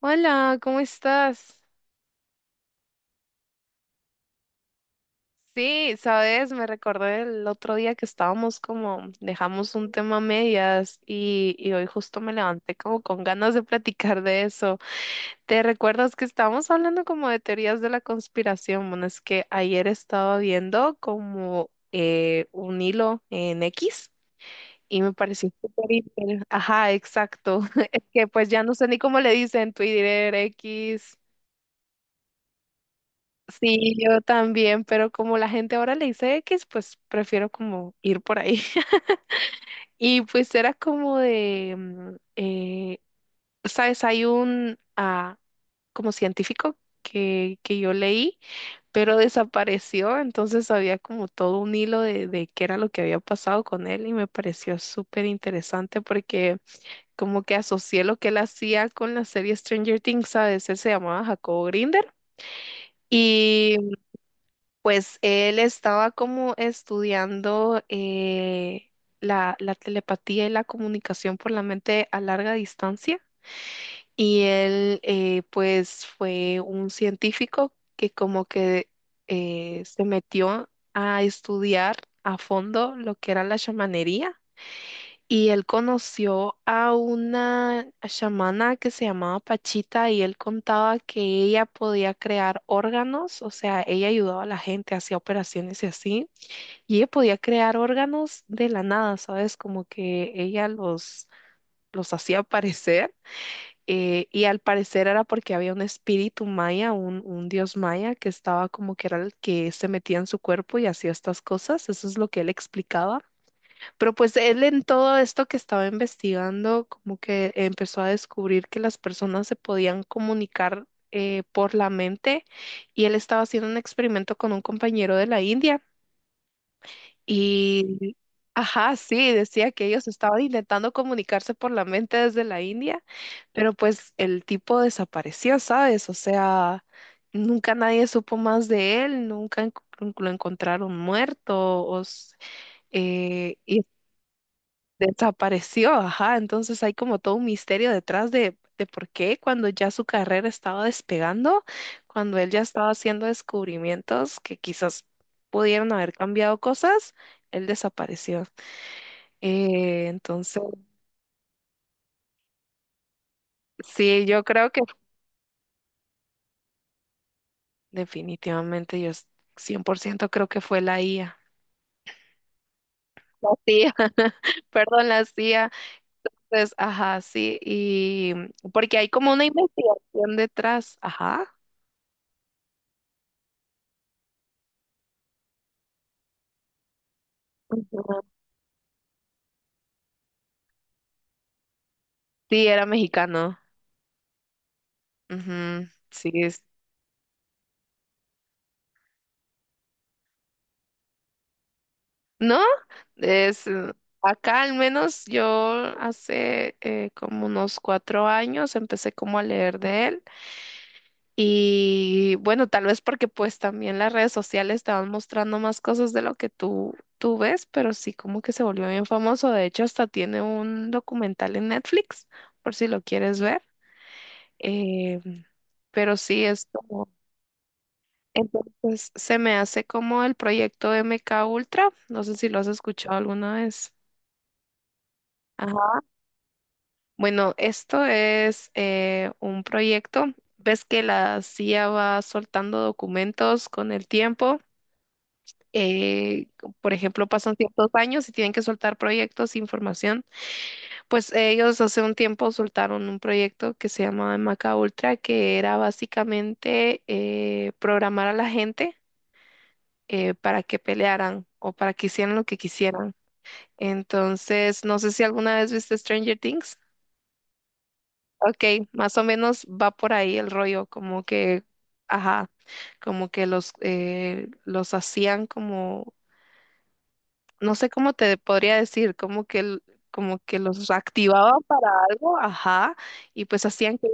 Hola, ¿cómo estás? Sí, sabes, me recordé el otro día que estábamos como, dejamos un tema a medias y hoy justo me levanté como con ganas de platicar de eso. ¿Te recuerdas que estábamos hablando como de teorías de la conspiración? Bueno, es que ayer estaba viendo como un hilo en X y me pareció Ajá, exacto. Es que pues ya no sé ni cómo le dicen Twitter, X. Sí, yo también, pero como la gente ahora le dice X, pues prefiero como ir por ahí. Y pues era como de, sabes, hay un como científico que yo leí, pero desapareció. Entonces había como todo un hilo de qué era lo que había pasado con él y me pareció súper interesante porque como que asocié lo que él hacía con la serie Stranger Things, ¿sabes? Él se llamaba Jacobo Grinder, y pues él estaba como estudiando la telepatía y la comunicación por la mente a larga distancia, y él pues fue un científico que como que se metió a estudiar a fondo lo que era la chamanería, y él conoció a una chamana que se llamaba Pachita y él contaba que ella podía crear órganos. O sea, ella ayudaba a la gente, hacía operaciones y así, y ella podía crear órganos de la nada, ¿sabes? Como que ella los hacía aparecer. Y al parecer era porque había un espíritu maya, un dios maya que estaba como que era el que se metía en su cuerpo y hacía estas cosas. Eso es lo que él explicaba. Pero pues él en todo esto que estaba investigando, como que empezó a descubrir que las personas se podían comunicar por la mente, y él estaba haciendo un experimento con un compañero de la India y, ajá, sí, decía que ellos estaban intentando comunicarse por la mente desde la India, pero pues el tipo desapareció, ¿sabes? O sea, nunca nadie supo más de él, nunca lo encontraron muerto. Y desapareció, ajá. Entonces hay como todo un misterio detrás de por qué cuando ya su carrera estaba despegando, cuando él ya estaba haciendo descubrimientos que quizás pudieron haber cambiado cosas, él desapareció. Entonces, sí, yo creo que definitivamente 100% creo que fue la IA. La CIA, perdón, la CIA. Entonces, ajá, sí. Y porque hay como una investigación detrás, ajá. Ujú. Sí, era mexicano. Ujú, sí, ¿no? Es, eh, Acá al menos yo hace como unos 4 años empecé como a leer de él, y bueno, tal vez porque pues también las redes sociales te van mostrando más cosas de lo que tú ves, pero sí como que se volvió bien famoso. De hecho, hasta tiene un documental en Netflix por si lo quieres ver, eh, pero sí es como. Entonces se me hace como el proyecto MK Ultra. No sé si lo has escuchado alguna vez. Ajá. Bueno, esto es un proyecto. Ves que la CIA va soltando documentos con el tiempo. eh, por ejemplo, pasan ciertos años y tienen que soltar proyectos, información. Pues ellos hace un tiempo soltaron un proyecto que se llamaba MK Ultra, que era básicamente programar a la gente, para que pelearan o para que hicieran lo que quisieran. Entonces, no sé si alguna vez viste Stranger Things. Ok, más o menos va por ahí el rollo, como que, ajá, como que los hacían como, no sé cómo te podría decir, como que, como que los activaban para algo, ajá, y pues hacían que,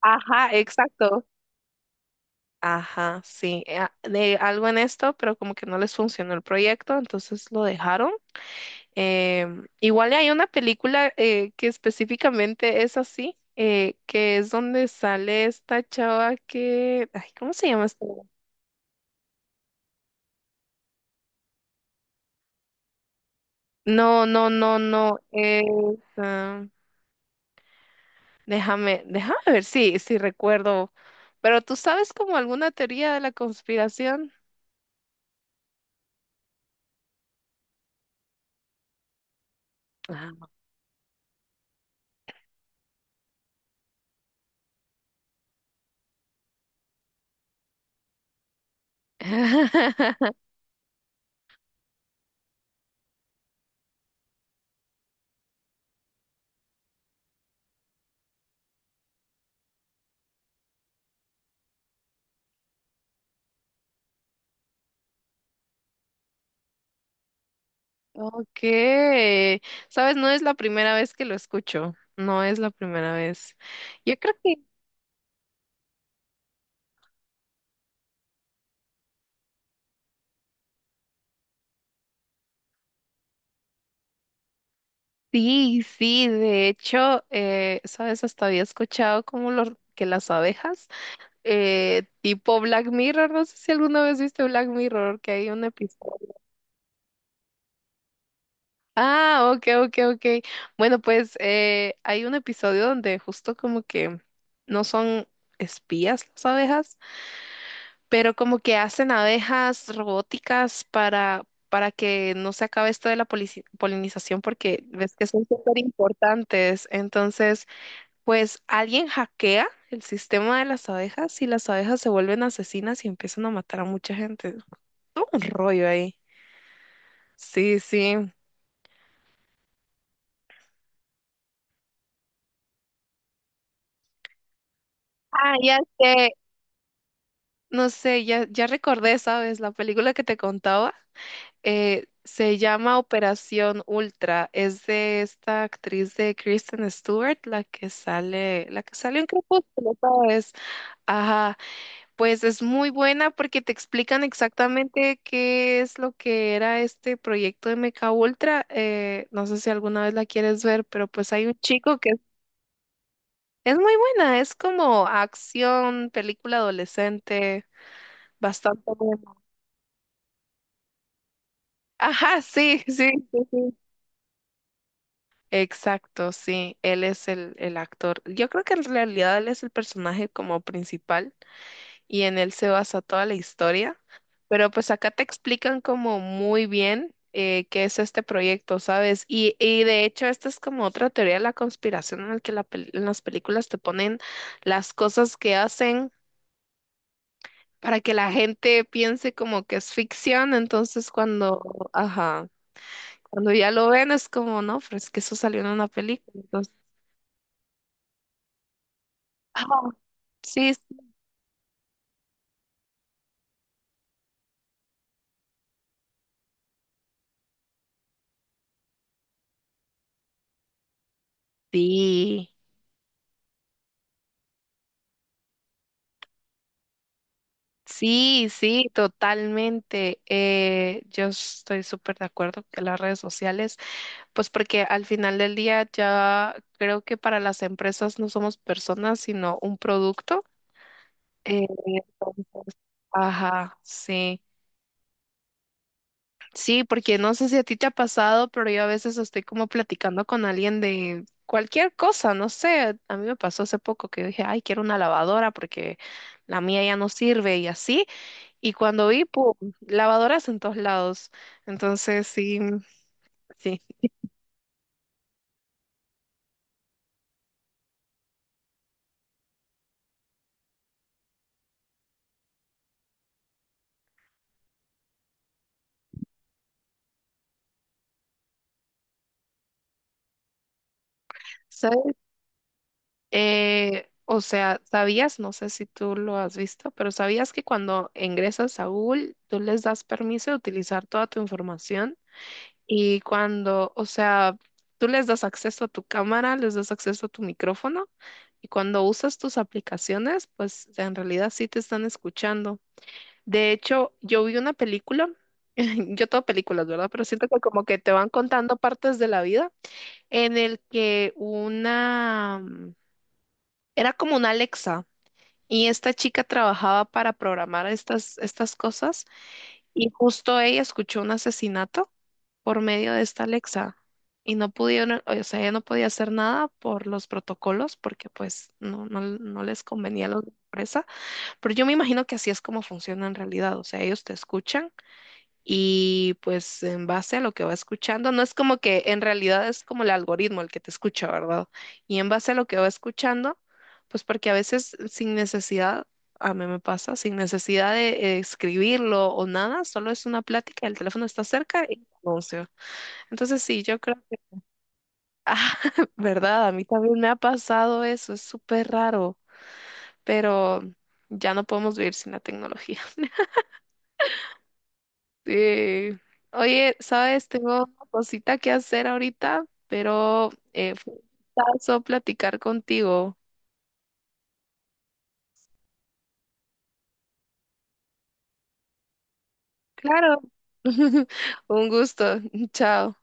ajá, exacto. Ajá, sí, de algo en esto, pero como que no les funcionó el proyecto, entonces lo dejaron. Igual hay una película que específicamente es así, que es donde sale esta chava que. Ay, ¿cómo se llama esta? No, no, no, no. Ah, déjame ver si recuerdo. Pero tú sabes como alguna teoría de la conspiración. Ah. Ok, sabes, no es la primera vez que lo escucho, no es la primera vez. Yo creo. Sí, sí, de hecho, sabes, hasta había escuchado como que las abejas, tipo Black Mirror. No sé si alguna vez viste Black Mirror, que hay un episodio. Ah, ok, ok, ok. Bueno, pues hay un episodio donde justo como que no son espías las abejas, pero como que hacen abejas robóticas para, que no se acabe esto de la polinización, porque ves que son súper importantes. Entonces. Pues alguien hackea el sistema de las abejas y las abejas se vuelven asesinas y empiezan a matar a mucha gente. Todo un rollo ahí. Sí, sí. Ah, ya sé. No sé, ya, ya recordé, ¿sabes? La película que te contaba se llama Operación Ultra. Es de esta actriz de Kristen Stewart, la que sale, la que salió en Crepúsculo, ¿sabes? Ajá. Pues es muy buena porque te explican exactamente qué es lo que era este proyecto de Mecha Ultra. No sé si alguna vez la quieres ver, pero pues hay un chico que es muy buena. Es como acción, película adolescente, bastante buena. Ajá, sí, sí, sí, sí. Exacto, sí, él es el actor. Yo creo que en realidad él es el personaje como principal, y en él se basa toda la historia. Pero pues acá te explican como muy bien qué es este proyecto, ¿sabes? Y de hecho esta es como otra teoría de la conspiración en la que en las películas te ponen las cosas que hacen para que la gente piense como que es ficción. Entonces cuando, ajá, cuando ya lo ven es como, no, pero es que eso salió en una película. Entonces, ah, sí, sí. Sí, sí, totalmente. Yo estoy súper de acuerdo que las redes sociales, pues porque al final del día ya creo que para las empresas no somos personas, sino un producto. Eh, entonces, ajá, sí. Sí, porque no sé si a ti te ha pasado, pero yo a veces estoy como platicando con alguien de cualquier cosa, no sé. A mí me pasó hace poco que dije, ay, quiero una lavadora porque la mía ya no sirve y así. Y cuando vi, ¡pum! Lavadoras en todos lados. Entonces, sí, sí. ¿Sabes? O sea, ¿sabías? No sé si tú lo has visto, pero ¿sabías que cuando ingresas a Google, tú les das permiso de utilizar toda tu información? Y cuando, o sea, tú les das acceso a tu cámara, les das acceso a tu micrófono, y cuando usas tus aplicaciones, pues en realidad sí te están escuchando. De hecho, yo vi una película, yo todo películas, ¿verdad? Pero siento que como que te van contando partes de la vida en el que una, era como una Alexa y esta chica trabajaba para programar estas cosas y justo ella escuchó un asesinato por medio de esta Alexa, y no pudieron, o sea, ella no podía hacer nada por los protocolos porque pues no, no, no les convenía a la empresa, pero yo me imagino que así es como funciona en realidad. O sea, ellos te escuchan y pues en base a lo que va escuchando, no es como que en realidad es como el algoritmo el que te escucha, ¿verdad? Y en base a lo que va escuchando, pues porque a veces sin necesidad, a mí me pasa, sin necesidad de escribirlo o nada, solo es una plática, el teléfono está cerca y anuncio. Entonces sí, yo creo que, ah, ¿verdad? A mí también me ha pasado eso, es súper raro, pero ya no podemos vivir sin la tecnología. Eh, oye, ¿sabes? Tengo una cosita que hacer ahorita, pero fue un gustazo platicar contigo. Claro. Un gusto. Chao.